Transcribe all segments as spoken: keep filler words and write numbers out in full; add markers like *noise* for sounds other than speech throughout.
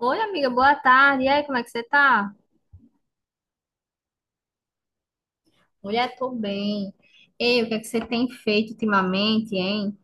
Oi, amiga, boa tarde. E aí, como é que você tá? Mulher, tô bem. Ei, o que é que você tem feito ultimamente, hein?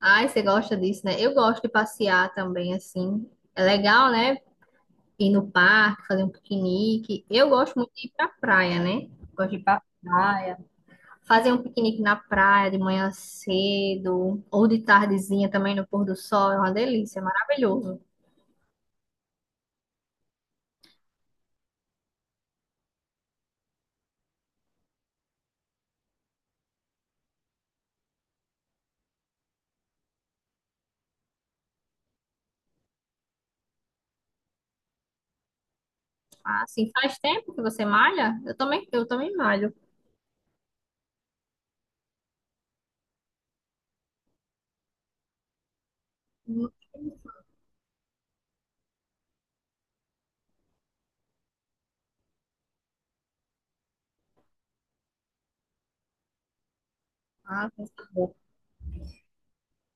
Ai, você gosta disso, né? Eu gosto de passear também, assim. É legal, né? Ir no parque, fazer um piquenique. Eu gosto muito de ir pra praia, né? Gosto de ir pra praia. Fazer um piquenique na praia de manhã cedo, ou de tardezinha também no pôr do sol, é uma delícia, é maravilhoso. Ah, assim, faz tempo que você malha? Eu também, eu também malho. Ah.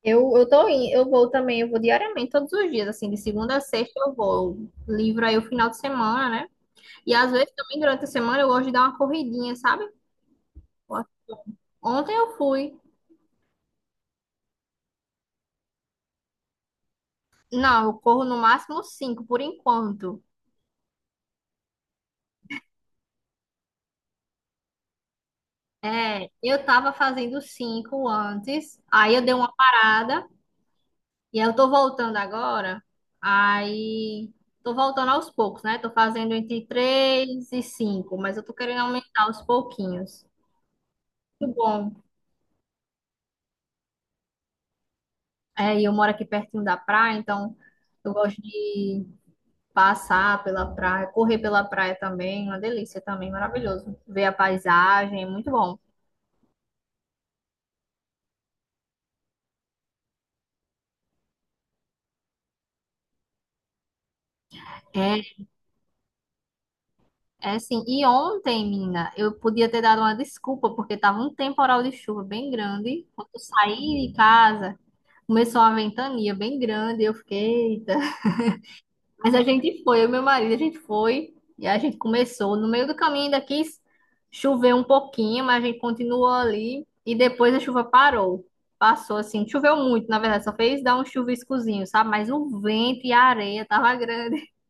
Eu, eu tô, in- eu vou também, eu vou diariamente, todos os dias, assim, de segunda a sexta eu vou. Livro aí o final de semana, né? E às vezes também durante a semana eu gosto de dar uma corridinha, sabe? Ontem eu fui. Não, eu corro no máximo cinco por enquanto. É, eu tava fazendo cinco antes, aí eu dei uma parada e eu tô voltando agora. Aí tô voltando aos poucos, né? Tô fazendo entre três e cinco, mas eu tô querendo aumentar aos pouquinhos. Muito bom. É, e eu moro aqui pertinho da praia, então eu gosto de passar pela praia, correr pela praia também, uma delícia também, maravilhoso. Ver a paisagem, é muito bom. É, é assim, e ontem, menina, eu podia ter dado uma desculpa, porque tava um temporal de chuva bem grande. Quando eu saí de casa, começou uma ventania bem grande, eu fiquei, eita. Mas a gente foi, eu e meu marido, a gente foi e a gente começou. No meio do caminho ainda quis chover um pouquinho, mas a gente continuou ali e depois a chuva parou. Passou assim, choveu muito, na verdade, só fez dar um chuviscozinho, sabe? Mas o vento e a areia tava grande. *laughs*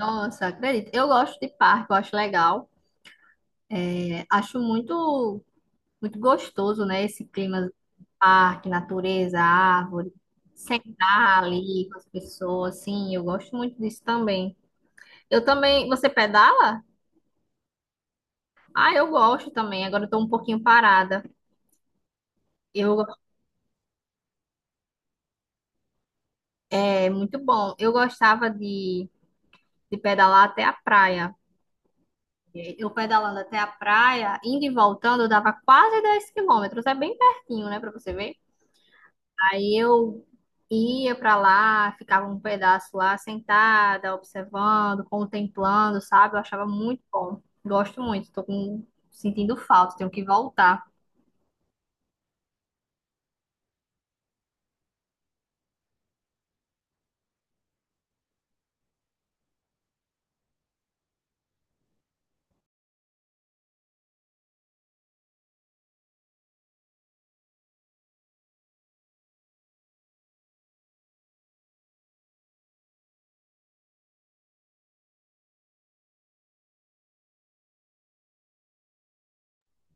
Nossa, acredito. Eu gosto de parque, eu acho legal. É, acho muito, muito gostoso, né? Esse clima, parque, natureza, árvore. Sentar ali com as pessoas, assim, eu gosto muito disso também. Eu também. Você pedala? Ah, eu gosto também. Agora eu tô um pouquinho parada. Eu, é muito bom. Eu gostava de, de pedalar até a praia. Eu pedalando até a praia, indo e voltando, dava quase dez quilômetros. É bem pertinho, né, pra você ver. Aí eu ia pra lá, ficava um pedaço lá, sentada, observando, contemplando, sabe? Eu achava muito bom. Gosto muito. Tô com, sentindo falta, tenho que voltar.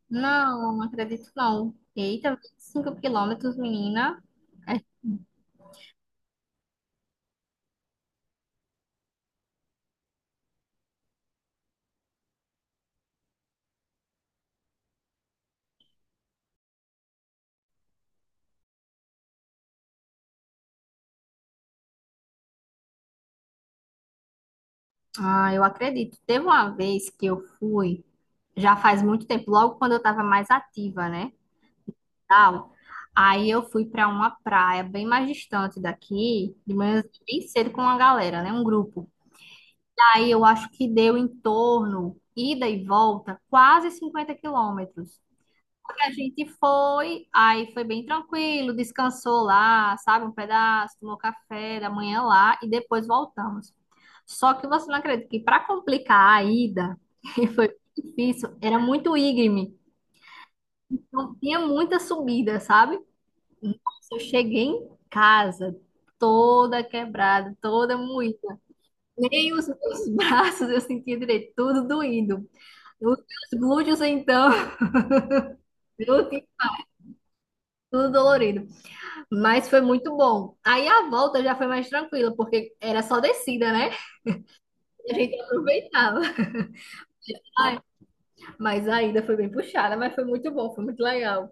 Não, não acredito não. Eita, vinte e cinco quilômetros, menina. É. Ah, eu acredito. Teve uma vez que eu fui, já faz muito tempo, logo quando eu estava mais ativa, né? Tal. Aí eu fui para uma praia bem mais distante daqui, de manhã bem cedo com uma galera, né? Um grupo. Aí eu acho que deu em torno, ida e volta, quase cinquenta quilômetros. A gente foi, aí foi bem tranquilo, descansou lá, sabe, um pedaço, tomou café da manhã lá e depois voltamos. Só que você não acredita que para complicar a ida, *laughs* que foi difícil, era muito íngreme, não tinha muita subida, sabe? Nossa, eu cheguei em casa toda quebrada, toda moída. Nem os meus *laughs* braços eu sentia direito, tudo doído. Os meus glúteos, então, *laughs* eu tinha tudo dolorido. Mas foi muito bom. Aí a volta já foi mais tranquila, porque era só descida, né? A gente aproveitava. Ai, mas a ida foi bem puxada, mas foi muito bom, foi muito legal.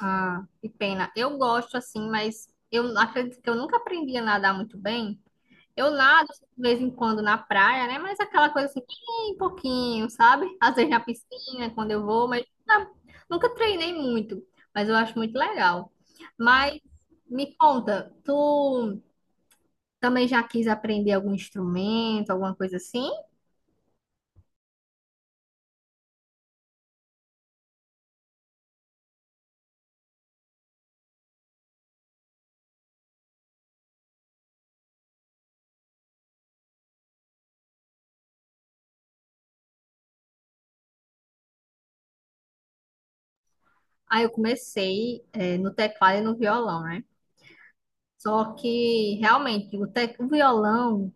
Ah, que pena. Eu gosto assim, mas eu acredito que eu nunca aprendi a nadar muito bem. Eu nado assim, de vez em quando na praia, né? Mas aquela coisa assim, bem pouquinho, sabe? Às vezes na piscina, quando eu vou, mas nunca nunca treinei muito. Mas eu acho muito legal. Mas me conta, tu. Também já quis aprender algum instrumento, alguma coisa assim. Aí eu comecei, é, no teclado e no violão, né? Só que realmente o, te... o violão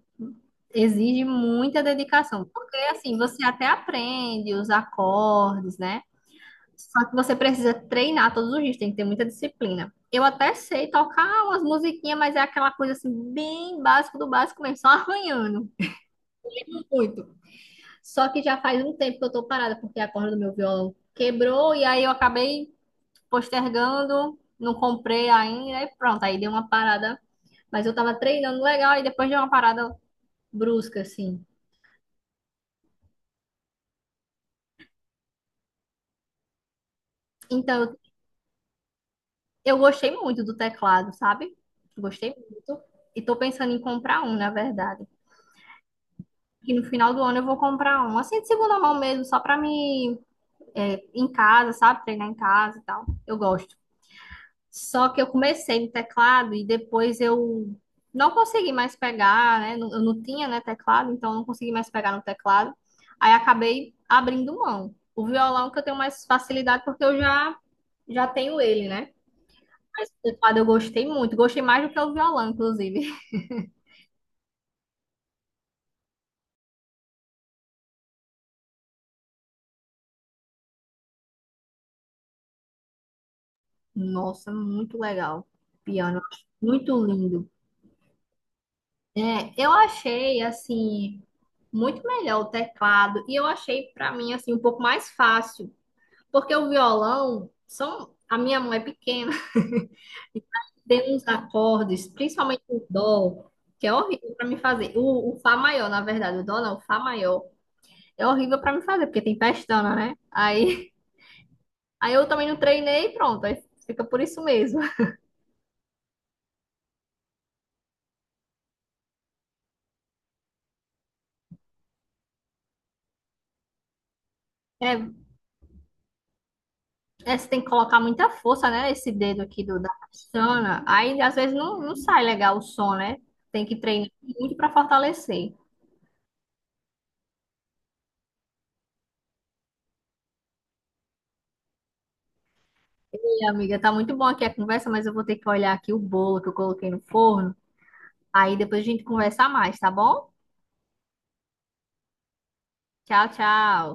exige muita dedicação, porque assim você até aprende os acordes, né? Só que você precisa treinar todos os dias, tem que ter muita disciplina. Eu até sei tocar umas musiquinhas, mas é aquela coisa assim, bem básico do básico mesmo, só arranhando muito. Só que já faz um tempo que eu tô parada, porque a corda do meu violão quebrou e aí eu acabei postergando, não comprei ainda e pronto, aí deu uma parada. Mas eu tava treinando legal e depois deu uma parada brusca, assim. Então, eu eu gostei muito do teclado, sabe? Gostei muito. E tô pensando em comprar um, na verdade. E no final do ano eu vou comprar um, assim, de segunda mão mesmo, só pra me, é, em casa, sabe? Treinar em casa e tal. Eu gosto. Só que eu comecei no teclado e depois eu não consegui mais pegar, né? Eu não tinha, né, teclado, então eu não consegui mais pegar no teclado. Aí acabei abrindo mão. O violão que eu tenho mais facilidade porque eu já já tenho ele, né? Mas o teclado eu gostei muito, gostei mais do que o violão, inclusive. *laughs* Nossa, muito legal. Piano, muito lindo. É, eu achei assim muito melhor o teclado e eu achei pra mim assim um pouco mais fácil. Porque o violão são. A minha mão é pequena, *laughs* e tem uns acordes, principalmente o dó, que é horrível para me fazer. O, o fá maior, na verdade, o dó não, o fá maior é horrível para me fazer, porque tem pestana, né? Aí, *laughs* aí eu também não treinei e pronto, aí fica por isso mesmo. É, é, você tem que colocar muita força, né? Esse dedo aqui do, da pestana. Aí às vezes não, não sai legal o som, né? Tem que treinar muito para fortalecer. E, amiga, tá muito bom aqui a conversa, mas eu vou ter que olhar aqui o bolo que eu coloquei no forno. Aí depois a gente conversa mais, tá bom? Tchau, tchau.